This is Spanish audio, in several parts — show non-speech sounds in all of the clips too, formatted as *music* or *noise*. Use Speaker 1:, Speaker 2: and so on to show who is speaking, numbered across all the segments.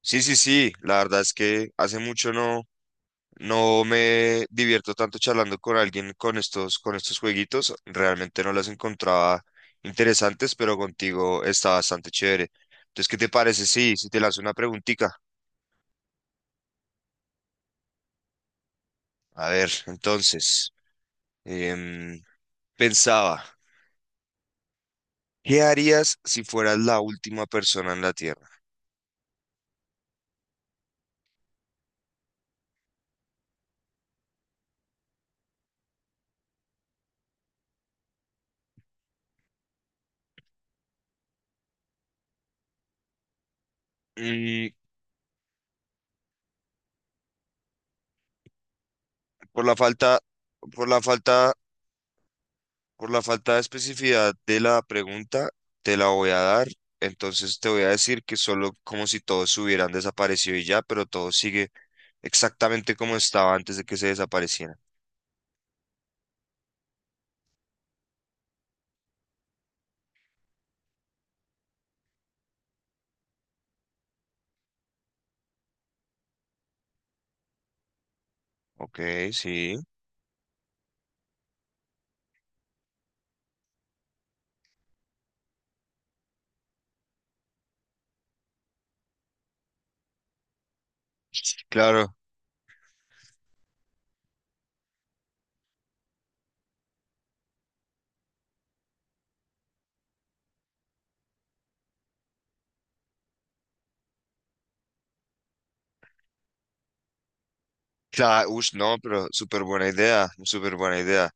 Speaker 1: Sí, sí, sí, la verdad es que hace mucho no me divierto tanto charlando con alguien con estos jueguitos. Realmente no las encontraba interesantes, pero contigo está bastante chévere. Entonces, ¿qué te parece? Sí, si te lanzo una preguntita. A ver, entonces, em, pensaba, ¿qué harías si fueras la última persona en la Tierra? Mm, por la falta, por la falta Por la falta de especificidad de la pregunta, te la voy a dar. Entonces te voy a decir que solo como si todos hubieran desaparecido y ya, pero todo sigue exactamente como estaba antes de que se desaparecieran. Ok, sí. Claro. Claro, ush, no, pero súper buena idea, súper buena idea.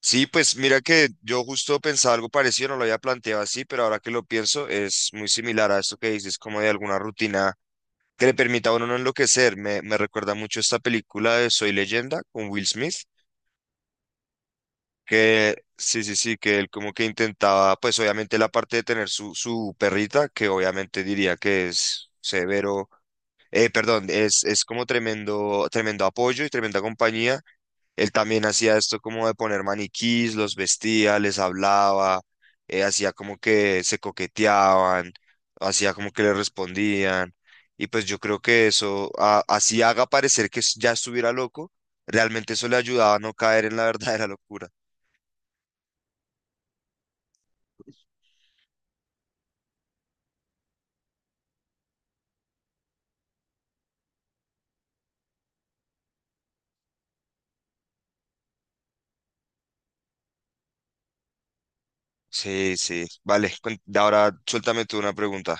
Speaker 1: Sí, pues mira que yo justo pensaba algo parecido, no lo había planteado así, pero ahora que lo pienso es muy similar a esto que dices, como de alguna rutina que le permita a uno no enloquecer. Me recuerda mucho esta película de Soy Leyenda con Will Smith, que sí, sí, sí, que él como que intentaba, pues obviamente la parte de tener su perrita, que obviamente diría que es severo, perdón, es como tremendo, tremendo apoyo y tremenda compañía. Él también hacía esto como de poner maniquís, los vestía, les hablaba, hacía como que se coqueteaban, hacía como que le respondían. Y pues yo creo que eso, así haga parecer que ya estuviera loco, realmente eso le ayudaba a no caer en la *laughs* verdadera locura. Sí, sí. Vale, ahora suéltame tú una pregunta.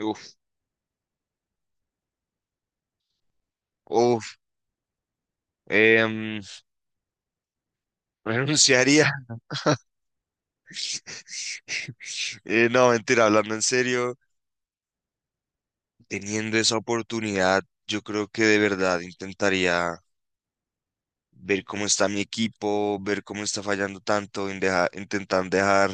Speaker 1: Uf, uf, em, *laughs* renunciaría. *laughs* No, mentira, hablando en serio. Teniendo esa oportunidad, yo creo que de verdad intentaría ver cómo está mi equipo, ver cómo está fallando tanto, en intentar dejar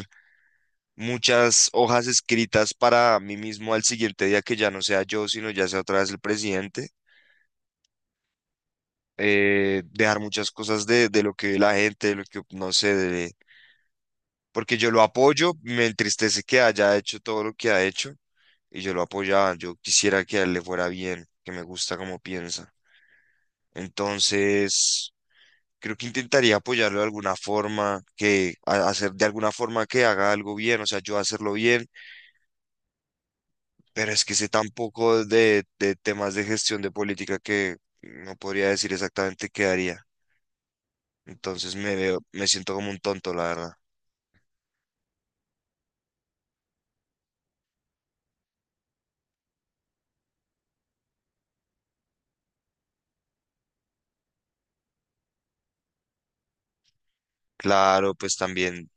Speaker 1: muchas hojas escritas para mí mismo al siguiente día que ya no sea yo, sino ya sea otra vez el presidente. Dejar muchas cosas de lo que ve la gente, de lo que no sé, de- porque yo lo apoyo, me entristece que haya hecho todo lo que ha hecho y yo lo apoyaba, yo quisiera que a él le fuera bien, que me gusta como piensa. Entonces... Creo que intentaría apoyarlo de alguna forma, que hacer de alguna forma que haga algo bien, o sea, yo hacerlo bien, pero es que sé tan poco de temas de gestión de política que no podría decir exactamente qué haría. Entonces me veo, me siento como un tonto, la verdad. Claro, pues también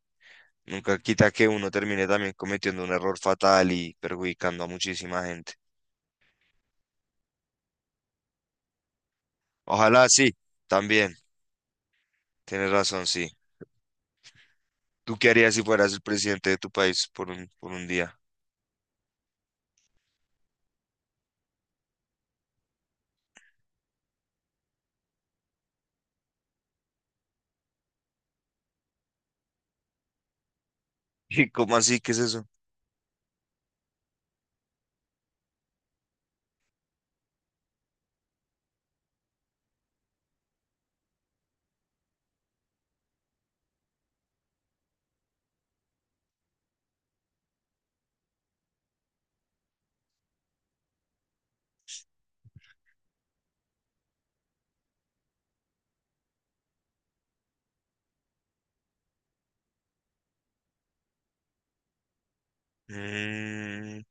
Speaker 1: nunca quita que uno termine también cometiendo un error fatal y perjudicando a muchísima gente. Ojalá sí, también, tienes razón, sí. ¿Tú qué harías si fueras el presidente de tu país por un día? *laughs* ¿Y cómo así? ¿Qué es eso? Mm,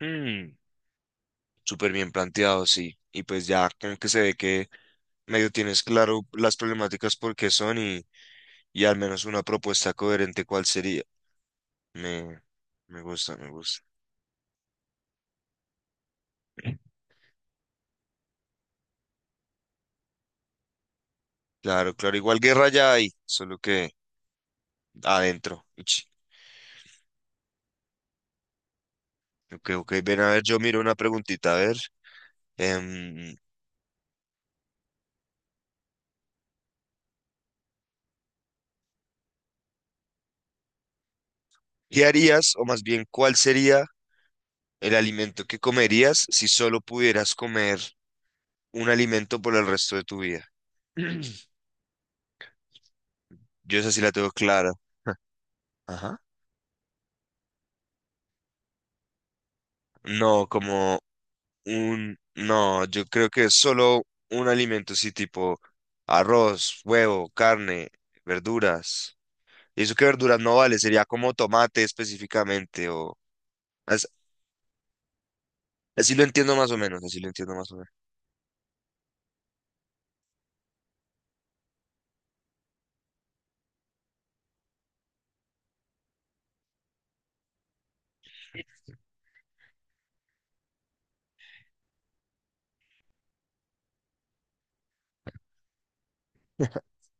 Speaker 1: hmm, súper bien planteado, sí. Y pues ya como que se ve que medio tienes claro las problemáticas por qué son y al menos una propuesta coherente cuál sería. Me, me gusta, me gusta. Claro, claro, igual guerra ya hay, solo que adentro. Uch, ok, ok, ven a ver, yo miro una preguntita, a ver. em, ¿Qué harías, o más bien, cuál sería el alimento que comerías si solo pudieras comer un alimento por el resto de tu vida? *clears throat* Yo esa sí la tengo clara. *laughs* Ajá. No, como un... No, yo creo que solo un alimento, sí, tipo arroz, huevo, carne, verduras. Y eso que verduras no vale, sería como tomate específicamente o... as- Así, lo entiendo más o menos, así lo entiendo más o menos.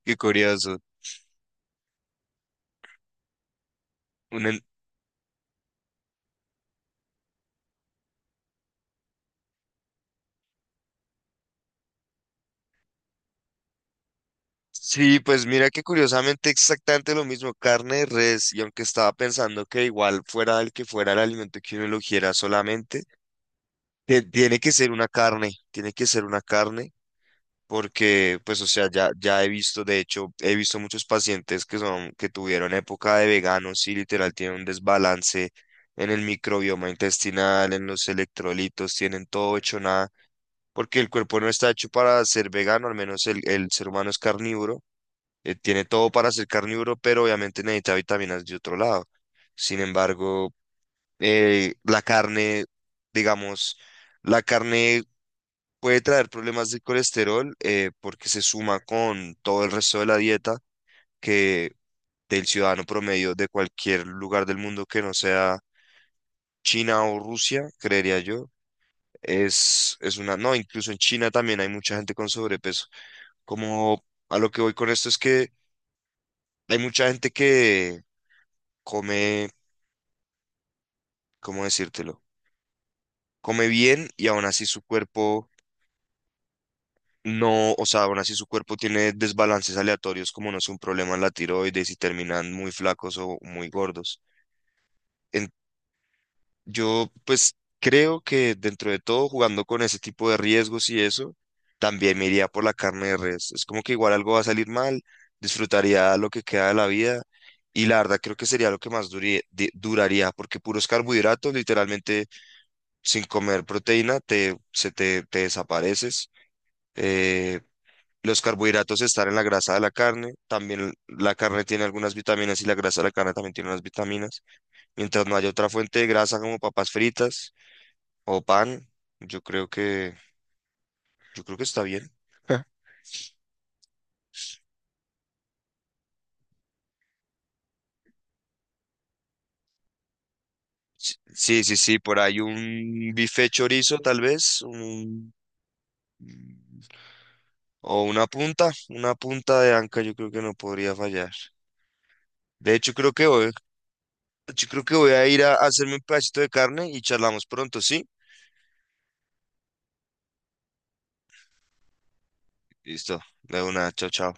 Speaker 1: Qué curioso. Un en- Sí, pues mira que curiosamente exactamente lo mismo, carne de res, y aunque estaba pensando que igual fuera el que fuera el alimento que uno eligiera solamente. Tiene que ser una carne, tiene que ser una carne, porque, pues, o sea, ya, ya he visto, de hecho, he visto muchos pacientes que son, que tuvieron época de veganos y literal tienen un desbalance en el microbioma intestinal, en los electrolitos, tienen todo hecho nada, porque el cuerpo no está hecho para ser vegano, al menos el ser humano es carnívoro, tiene todo para ser carnívoro, pero obviamente necesita vitaminas de otro lado. Sin embargo, la carne, digamos, la carne puede traer problemas de colesterol, porque se suma con todo el resto de la dieta que del ciudadano promedio de cualquier lugar del mundo que no sea China o Rusia, creería yo. Es una, no, incluso en China también hay mucha gente con sobrepeso. Como a lo que voy con esto es que hay mucha gente que come, ¿cómo decírtelo? Come bien y aún así su cuerpo. No, o sea, aún así su cuerpo tiene desbalances aleatorios, como no es un problema en la tiroides y terminan muy flacos o muy gordos. En- yo, pues, creo que dentro de todo, jugando con ese tipo de riesgos y eso, también me iría por la carne de res. Es como que igual algo va a salir mal, disfrutaría lo que queda de la vida y la verdad creo que sería lo que más duraría, porque puros carbohidratos, literalmente, sin comer proteína, te desapareces. Eh, Los carbohidratos están en la grasa de la carne, también la carne tiene algunas vitaminas y la grasa de la carne también tiene unas vitaminas. Mientras no haya otra fuente de grasa como papas fritas o pan, yo creo que, yo creo que está bien. Ja. Sí, sí, sí, por ahí un bife chorizo tal vez, un- o una punta de anca yo creo que no podría fallar. De hecho, creo que voy, yo creo que voy a ir a hacerme un pedacito de carne y charlamos pronto, ¿sí? Listo, de una, chao, chao.